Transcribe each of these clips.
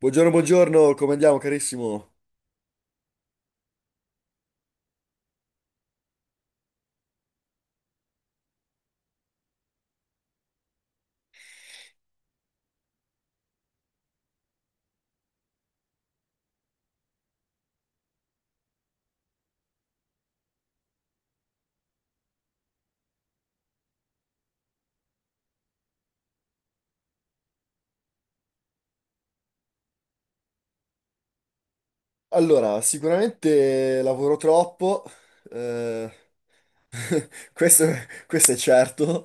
Buongiorno, buongiorno, come andiamo carissimo? Allora, sicuramente lavoro troppo, eh, Questo, questo è certo,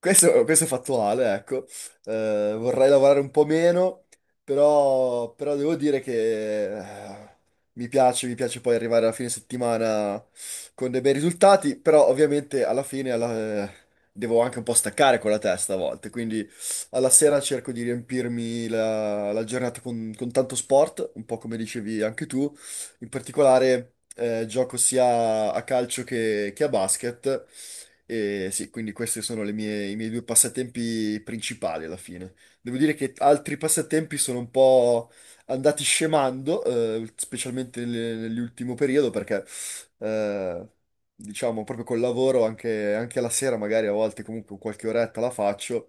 questo è fattuale, ecco. Vorrei lavorare un po' meno, però devo dire che mi piace poi arrivare alla fine settimana con dei bei risultati, però ovviamente devo anche un po' staccare con la testa a volte, quindi alla sera cerco di riempirmi la giornata con tanto sport, un po' come dicevi anche tu, in particolare gioco sia a calcio che a basket. E sì, quindi questi sono le mie- i miei due passatempi principali alla fine. Devo dire che altri passatempi sono un po' andati scemando, specialmente nell'ultimo periodo, perché eh, diciamo proprio col lavoro anche la sera, magari a volte comunque qualche oretta la faccio.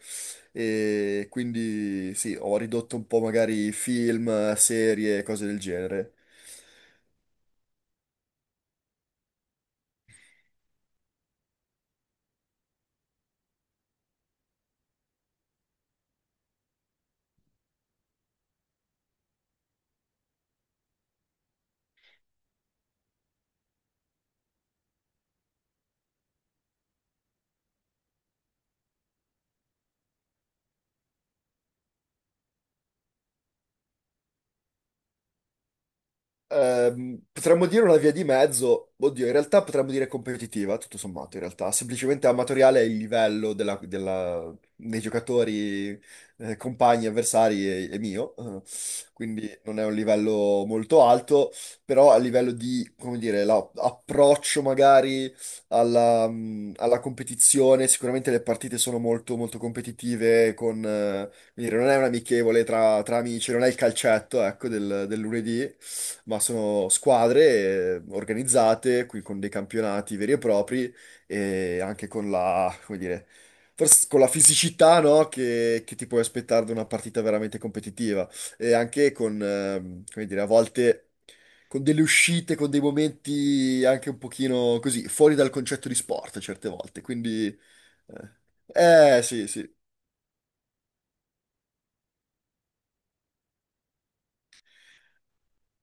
E quindi sì, ho ridotto un po' magari film, serie, cose del genere. Potremmo dire una via di mezzo, oddio, in realtà potremmo dire competitiva, tutto sommato, in realtà, semplicemente amatoriale è il livello dei giocatori, compagni, avversari e mio, quindi non è un livello molto alto, però a livello di, come dire, approccio magari alla, alla competizione, sicuramente le partite sono molto, molto competitive, con, quindi non è un amichevole tra amici, non è il calcetto, ecco, del lunedì, ma sono squadre organizzate, qui con dei campionati veri e propri e anche con la, come dire, forse con la fisicità, no, che ti puoi aspettare da una partita veramente competitiva e anche con, come dire, a volte... Con delle uscite, con dei momenti anche un pochino così, fuori dal concetto di sport certe volte, quindi sì, sì.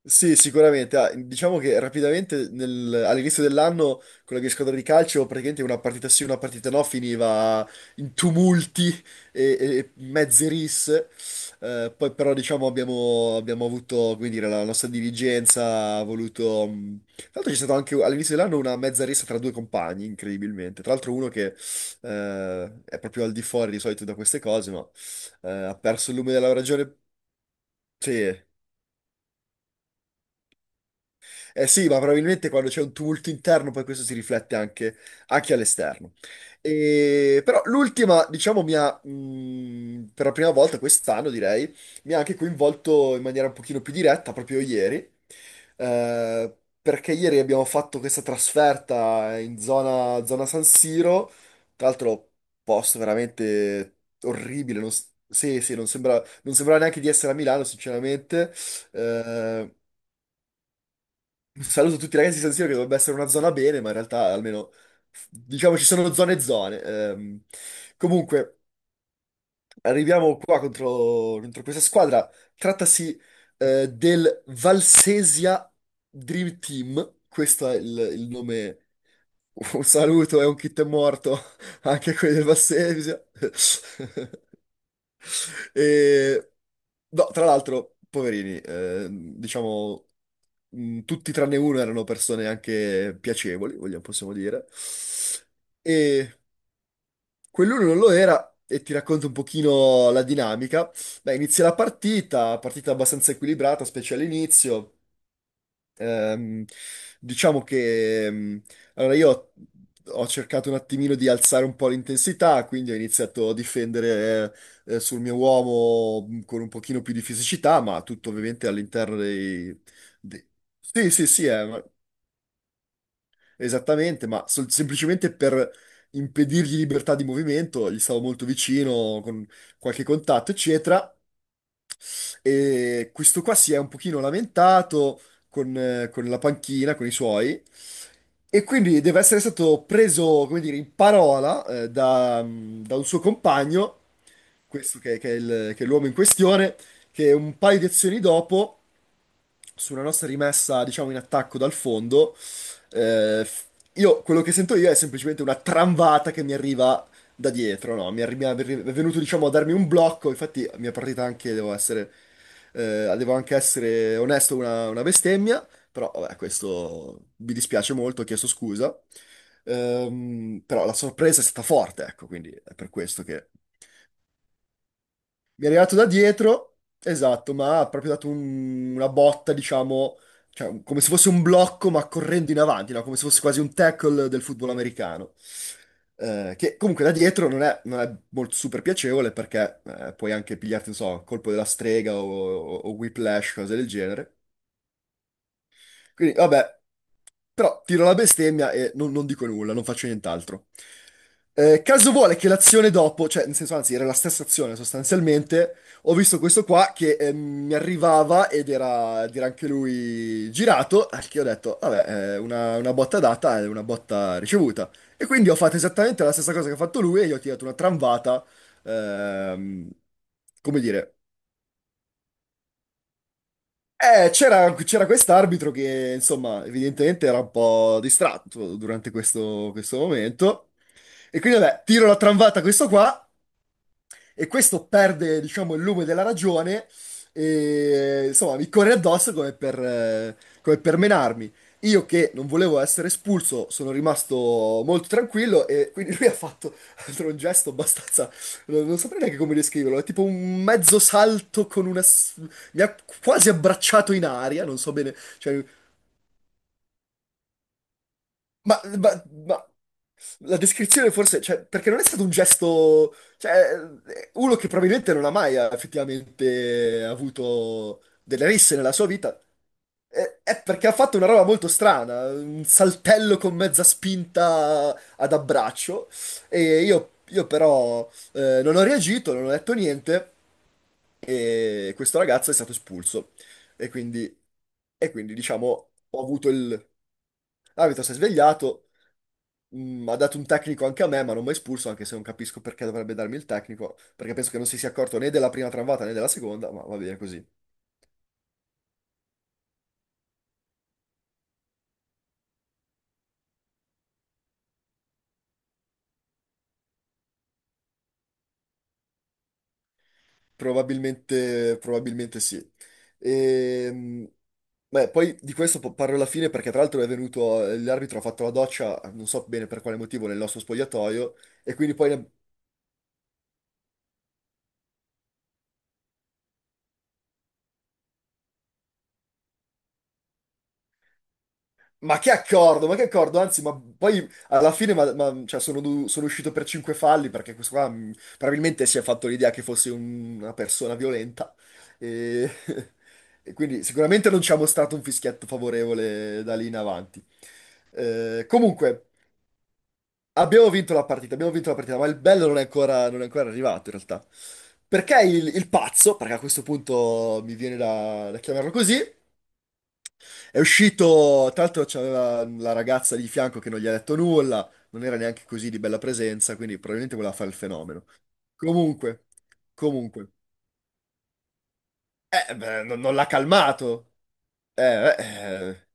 Sì, sicuramente. Ah, diciamo che rapidamente all'inizio dell'anno con la mia squadra di calcio praticamente una partita sì, una partita no finiva in tumulti e mezze risse. Poi però diciamo abbiamo avuto, come dire, la nostra dirigenza ha voluto... tra l'altro c'è stata anche all'inizio dell'anno una mezza rissa tra due compagni, incredibilmente. Tra l'altro uno che è proprio al di fuori di solito da queste cose, ma ha perso il lume della ragione. Sì. Eh sì, ma probabilmente quando c'è un tumulto interno poi questo si riflette anche all'esterno. Però l'ultima, diciamo, per la prima volta quest'anno direi, mi ha anche coinvolto in maniera un pochino più diretta proprio ieri, eh, perché ieri abbiamo fatto questa trasferta in zona San Siro, tra l'altro posto veramente orribile, non, s- sì, sì, non sembrava neanche di essere a Milano, sinceramente. Eh, un saluto a tutti i ragazzi di San Siro che dovrebbe essere una zona bene, ma in realtà almeno diciamo ci sono zone e zone. Comunque, arriviamo qua contro questa squadra. Trattasi del Valsesia Dream Team. Questo è il nome. Un saluto e un kit è morto anche a quelli del Valsesia. E- No, tra l'altro, poverini, diciamo, tutti tranne uno erano persone anche piacevoli, vogliamo, possiamo dire. E quell'uno non lo era, e ti racconto un pochino la dinamica. Beh, inizia la partita, partita abbastanza equilibrata, specie all'inizio. Ehm, diciamo che allora io ho cercato un attimino di alzare un po' l'intensità, quindi ho iniziato a difendere sul mio uomo con un pochino più di fisicità, ma tutto ovviamente all'interno dei- sì, sì, sì, esattamente, ma semplicemente per impedirgli libertà di movimento, gli stavo molto vicino con qualche contatto, eccetera. E questo qua si è un pochino lamentato con la panchina, con i suoi, e quindi deve essere stato preso, come dire, in parola, da un suo compagno, questo che è che è l'uomo in questione, che un paio di azioni dopo su una nostra rimessa, diciamo, in attacco dal fondo, eh, f- io quello che sento io è semplicemente una tramvata che mi arriva da dietro, no? È venuto, diciamo, a darmi un blocco, infatti la mia partita anche, devo anche essere onesto, una bestemmia, però vabbè, questo mi dispiace molto, ho chiesto scusa. Però la sorpresa è stata forte, ecco, quindi è per questo che... Mi è arrivato da dietro, esatto, ma ha proprio dato una botta, diciamo, cioè, come se fosse un blocco, ma correndo in avanti, no? Come se fosse quasi un tackle del football americano. Che comunque da dietro non è molto super piacevole perché puoi anche pigliarti, non so, colpo della strega o whiplash, cose del genere. Quindi, vabbè. Però tiro la bestemmia e non dico nulla, non faccio nient'altro. Caso vuole che l'azione dopo, cioè nel senso anzi era la stessa azione sostanzialmente, ho visto questo qua che mi arrivava ed era anche lui girato, al che ho detto, vabbè, una botta data è una botta ricevuta. E quindi ho fatto esattamente la stessa cosa che ha fatto lui e gli ho tirato una tramvata, ehm, come dire, c'era quest'arbitro che, insomma, evidentemente era un po' distratto durante questo momento. E quindi, vabbè, tiro la tramvata a questo qua e questo perde, diciamo, il lume della ragione e insomma mi corre addosso come per menarmi. Io che non volevo essere espulso sono rimasto molto tranquillo e quindi lui ha fatto altro un gesto abbastanza, non saprei neanche come descriverlo, è tipo un mezzo salto con una... mi ha quasi abbracciato in aria, non so bene, cioè ma, ma- ma- la descrizione forse, cioè, perché non è stato un gesto, cioè, uno che probabilmente non ha mai effettivamente avuto delle risse nella sua vita, è perché ha fatto una roba molto strana, un saltello con mezza spinta ad abbraccio, e io però non ho reagito, non ho detto niente, e questo ragazzo è stato espulso, e quindi, e quindi diciamo, ho avuto il... L'arbitro si è svegliato. Mm, ha dato un tecnico anche a me, ma non mi ha espulso, anche se non capisco perché dovrebbe darmi il tecnico, perché penso che non si sia accorto né della prima tramvata né della seconda, ma va bene così. Probabilmente, probabilmente sì. E, beh, poi di questo parlo alla fine perché tra l'altro è venuto, l'arbitro ha fatto la doccia, non so bene per quale motivo, nel nostro spogliatoio, e quindi poi ma che accordo, ma che accordo, anzi, ma poi alla fine cioè, sono uscito per cinque falli perché questo qua probabilmente si è fatto l'idea che fossi una persona violenta e, e quindi sicuramente non ci ha mostrato un fischietto favorevole da lì in avanti. Comunque, abbiamo vinto la partita, abbiamo vinto la partita, ma il bello non è ancora arrivato in realtà. Perché il pazzo, perché a questo punto mi viene da chiamarlo così, è uscito, tra l'altro c'aveva la ragazza di fianco che non gli ha detto nulla, non era neanche così di bella presenza, quindi probabilmente voleva fare il fenomeno. Comunque, comunque. Beh, non l'ha calmato. Eh, eh, eh,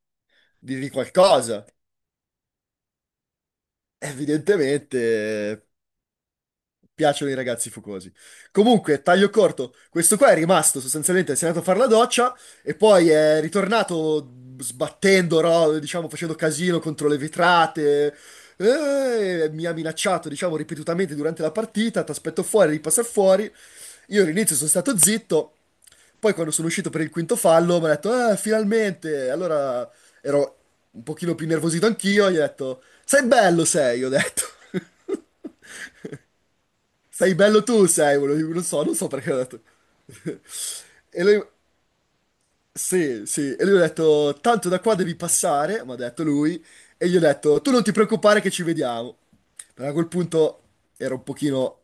dirgli qualcosa. Evidentemente, piacciono i ragazzi fucosi. Comunque, taglio corto, questo qua è rimasto sostanzialmente, si è andato a fare la doccia e poi è ritornato sbattendo, diciamo, facendo casino contro le vetrate. Mi ha minacciato, diciamo, ripetutamente durante la partita, ti aspetto fuori, ripassa fuori. Io all'inizio sono stato zitto, poi quando sono uscito per il quinto fallo mi ha detto, "Ah, finalmente!" Allora ero un pochino più nervosito anch'io, gli ho detto, sei bello sei, ho detto. Sei bello tu, volevo- non so, non so perché ho detto. E lui, sì, sì, e lui ha detto, tanto da qua devi passare, mi ha detto lui, e gli ho detto, tu non ti preoccupare che ci vediamo. Però a quel punto ero un pochino,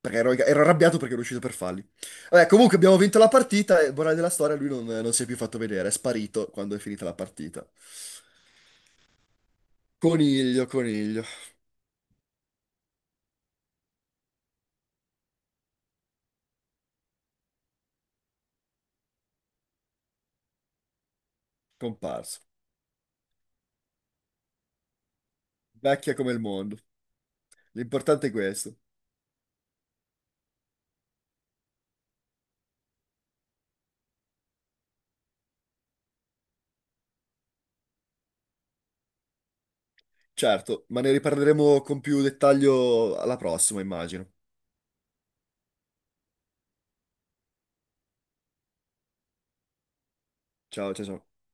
perché ero arrabbiato perché ero uscito per falli. Vabbè, comunque abbiamo vinto la partita, e morale della storia, lui non si è più fatto vedere, è sparito quando è finita la partita. Coniglio, coniglio, comparso, vecchia come il mondo. L'importante è questo. Certo, ma ne riparleremo con più dettaglio alla prossima, immagino. Ciao, ciao, ciao.